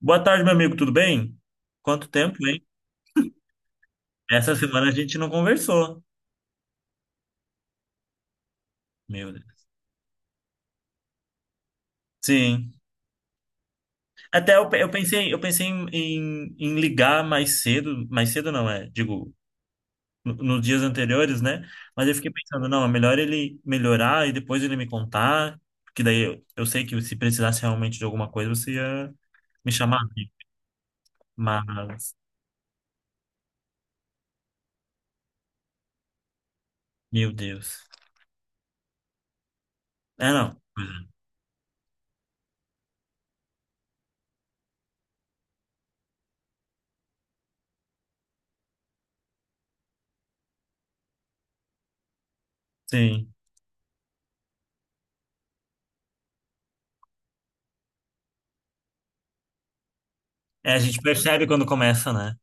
Boa tarde, meu amigo, tudo bem? Quanto tempo, hein? Essa semana a gente não conversou. Meu Deus. Sim. Até eu, pe- eu pensei em, em- em ligar mais cedo não é, digo, nos dias anteriores, né? Mas eu fiquei pensando, não, é melhor ele melhorar e depois ele me contar, porque daí eu sei que se precisasse realmente de alguma coisa, você ia me chamar, né? Mas, meu Deus. É, não. Pois é. Sim. É, a gente percebe quando começa, né?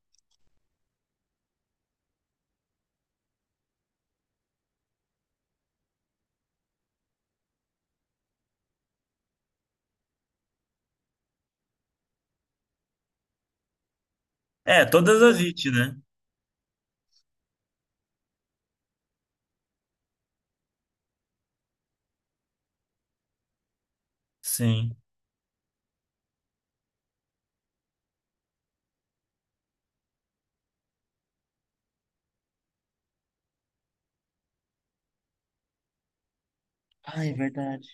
É, todas as it, né? Sim. Ah, é verdade.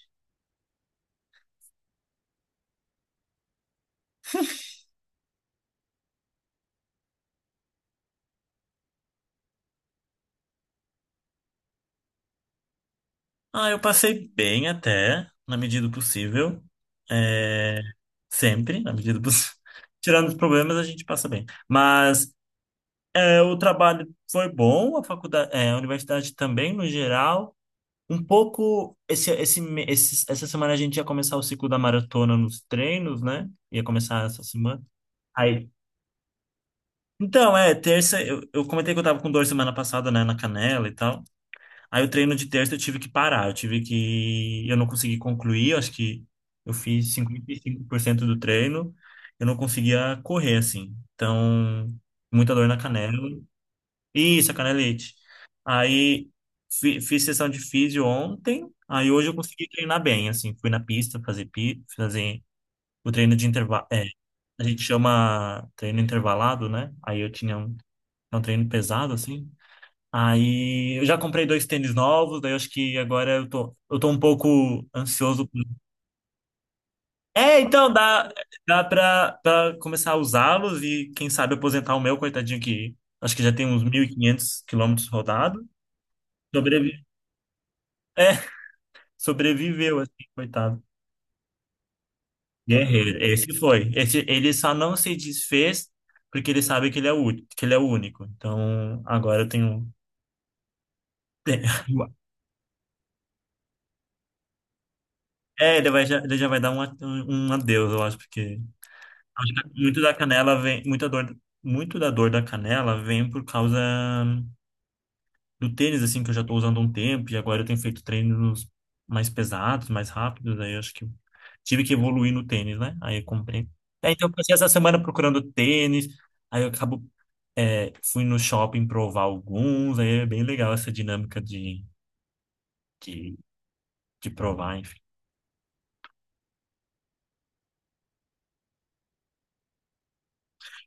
Ah, eu passei bem até, na medida do possível. É, sempre, na medida do possível. Tirando os problemas, a gente passa bem. Mas é, o trabalho foi bom, a faculdade, é, a universidade também, no geral. Um pouco, esse, me- esse- essa semana a gente ia começar o ciclo da maratona nos treinos, né? Ia começar essa semana. Aí, então, é, terça, eu comentei que eu tava com dor semana passada, né, na canela e tal. Aí o treino de terça eu tive que parar, eu tive que. Eu não consegui concluir, eu acho que eu fiz 55% do treino, eu não conseguia correr, assim. Então, muita dor na canela. Isso, a canelite. Aí fiz sessão de físio ontem, aí hoje eu consegui treinar bem, assim. Fui na pista fazer o treino de intervalo. É, a gente chama treino intervalado, né? Aí eu tinha um, é um treino pesado, assim. Aí eu já comprei dois tênis novos, daí eu acho que agora eu tô um pouco ansioso. É, então dá, dá pra, pra começar a usá-los e quem sabe aposentar o meu, coitadinho, que acho que já tem uns 1.500 quilômetros rodados. Sobrevi... É, sobreviveu, assim, coitado. Guerreiro, esse foi. Esse, ele só não se desfez porque ele sabe que ele é o único. Então agora eu tenho. É, ele vai, já, ele já vai dar um adeus, eu acho, porque. Acho que muito da canela vem, muita dor, muito da dor da canela vem por causa do tênis, assim, que eu já tô usando há um tempo e agora eu tenho feito treinos mais pesados, mais rápidos, aí eu acho que tive que evoluir no tênis, né? Aí eu comprei. Aí, então eu passei essa semana procurando tênis, aí eu acabo, é, fui no shopping provar alguns, aí é bem legal essa dinâmica de, de provar, enfim.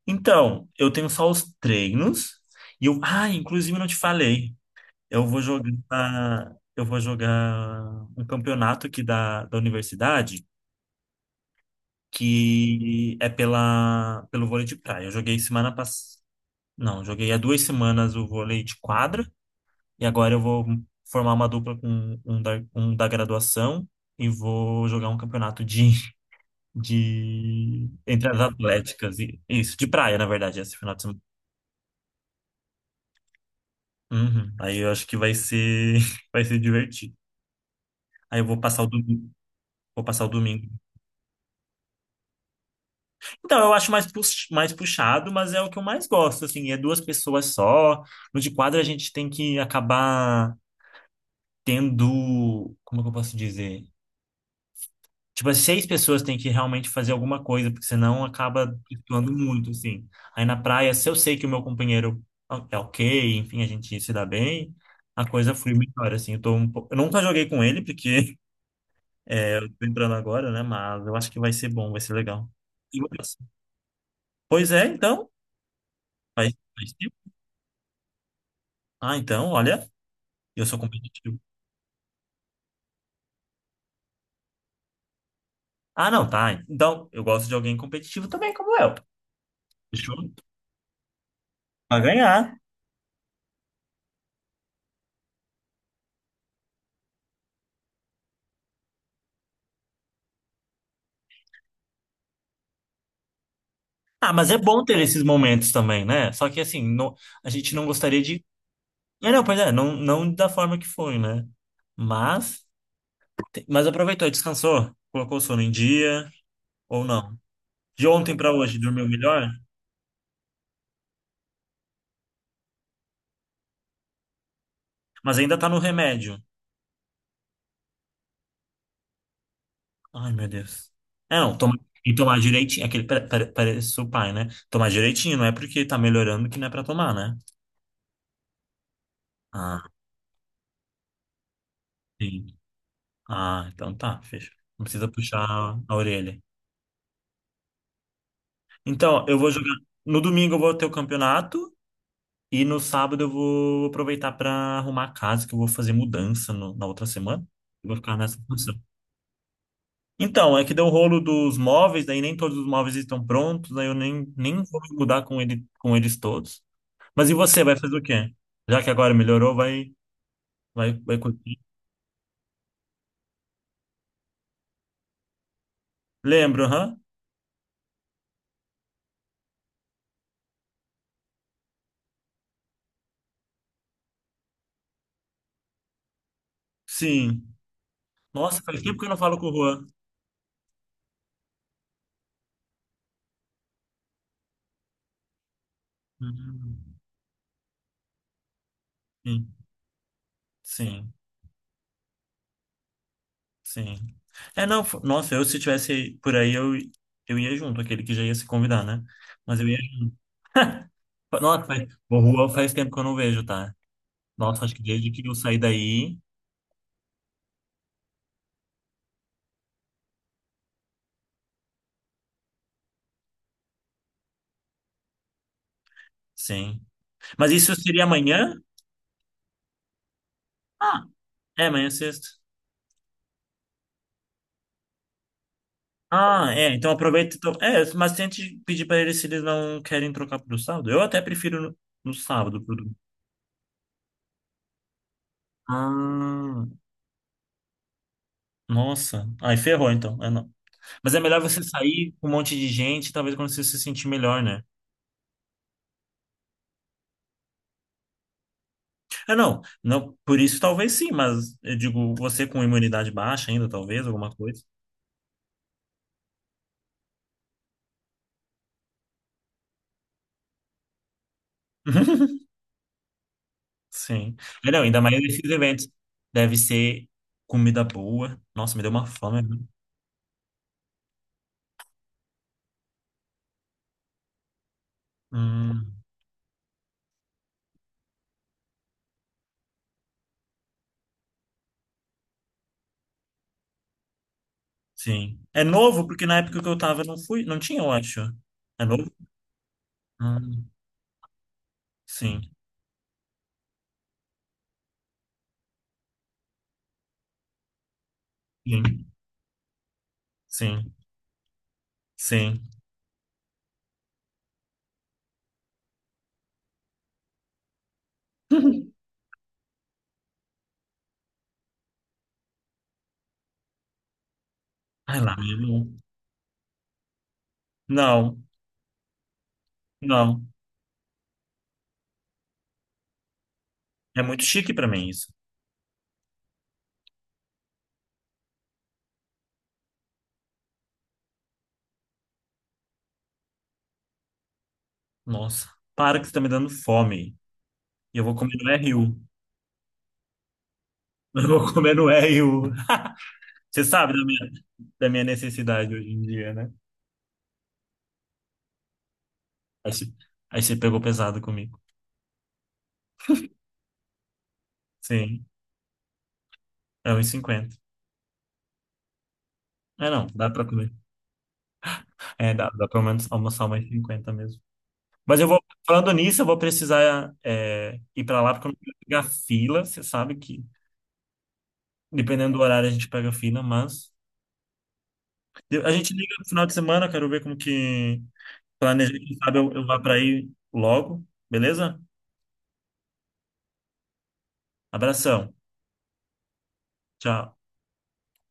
Então, eu tenho só os treinos, e eu, ah, inclusive eu não te falei. Eu vou jogar um campeonato aqui da universidade, que é pela, pelo vôlei de praia. Eu joguei semana passada. Não, joguei há 2 semanas o vôlei de quadra e agora eu vou formar uma dupla com um da graduação e vou jogar um campeonato de, de entre as atléticas e isso, de praia, na verdade, esse final de semana. Uhum. Aí eu acho que vai ser vai ser divertido. Aí eu vou passar o domingo, vou passar o domingo. Então, eu acho mais puxado, mas é o que eu mais gosto, assim, é duas pessoas só. No de quadra a gente tem que acabar tendo, como é que eu posso dizer? Tipo, as seis pessoas têm que realmente fazer alguma coisa, porque senão acaba flutuando muito, assim. Aí na praia, se eu sei que o meu companheiro é ok, enfim, a gente se dá bem, a coisa flui melhor, assim. Eu tô um pouco... Eu nunca joguei com ele, porque é, eu tô entrando agora, né? Mas eu acho que vai ser bom, vai ser legal. E- pois é, então, vai vai ser. Ah, então, olha, eu sou competitivo. Ah, não, tá. Então, eu gosto de alguém competitivo também, como eu. Fechou? Pra ganhar. Ah, mas é bom ter esses momentos também, né? Só que assim, não- a gente não gostaria de. É, não, pois é, não, não da forma que foi, né? Mas, mas aproveitou, descansou, colocou o sono em dia, ou não? De ontem pra hoje, dormiu melhor, mas ainda tá no remédio. Ai, meu Deus. É, não, toma, e tomar direitinho, é aquele, parece o pai, né? Tomar direitinho, não é porque tá melhorando que não é pra tomar, né? Ah. Sim. Ah, então tá, fecha. Não precisa puxar a orelha. Então, eu vou jogar. No domingo eu vou ter o campeonato e no sábado eu vou aproveitar para arrumar a casa, que eu vou fazer mudança na outra semana. Eu vou ficar nessa função. Então, é que deu o rolo dos móveis, daí nem todos os móveis estão prontos, aí eu nem vou me mudar com ele, com eles todos. Mas e você, vai fazer o quê? Já que agora melhorou, vai curtir. Lembro, aham? Sim. Nossa, faz tempo que eu não falo com o Juan. Uhum. Sim, sim. Sim. É, não, fo- nossa, eu se tivesse por aí, eu ia junto, aquele que já ia se convidar, né? Mas eu ia junto. Fa- nossa, faz, o Juan faz tempo que eu não vejo, tá? Nossa, acho que desde que eu saí daí, sim. Mas isso seria amanhã? Ah, é, amanhã é sexta. Ah, é, então aproveita. Então, é, mas tente pedir pra eles se eles não querem trocar pro sábado. Eu até prefiro no, no sábado pro domingo. Ah, nossa. Aí ferrou, então. É, não. Mas é melhor você sair com um monte de gente, talvez quando você se sentir melhor, né? É, não, não, por isso talvez sim, mas eu digo, você com imunidade baixa ainda, talvez, alguma coisa. Sim. É, não, ainda mais esses eventos. Deve ser comida boa. Nossa, me deu uma fome, né? Hum, sim. É novo, porque na época que eu tava não fui, não tinha, eu acho. É novo? Hum, sim, sim, sim, sim. Ai lá, meu irmão. Não, não. É muito chique pra mim isso. Nossa, para que você tá me dando fome. E eu vou comer no RU. Eu vou comer no R1. Você sabe da minha necessidade hoje em dia, né? Aí você, aí você pegou pesado comigo. Sim, é 1,50. É, não, dá pra comer. É, dá, dá pelo menos almoçar mais 50 mesmo. Mas eu vou, falando nisso, eu vou precisar é, ir pra lá, porque eu não quero pegar fila. Você sabe que, dependendo do horário, a gente pega fila, mas... A gente liga no final de semana, eu quero ver como que planeja. Quem sabe eu vá pra aí logo, beleza? Abração. Tchau.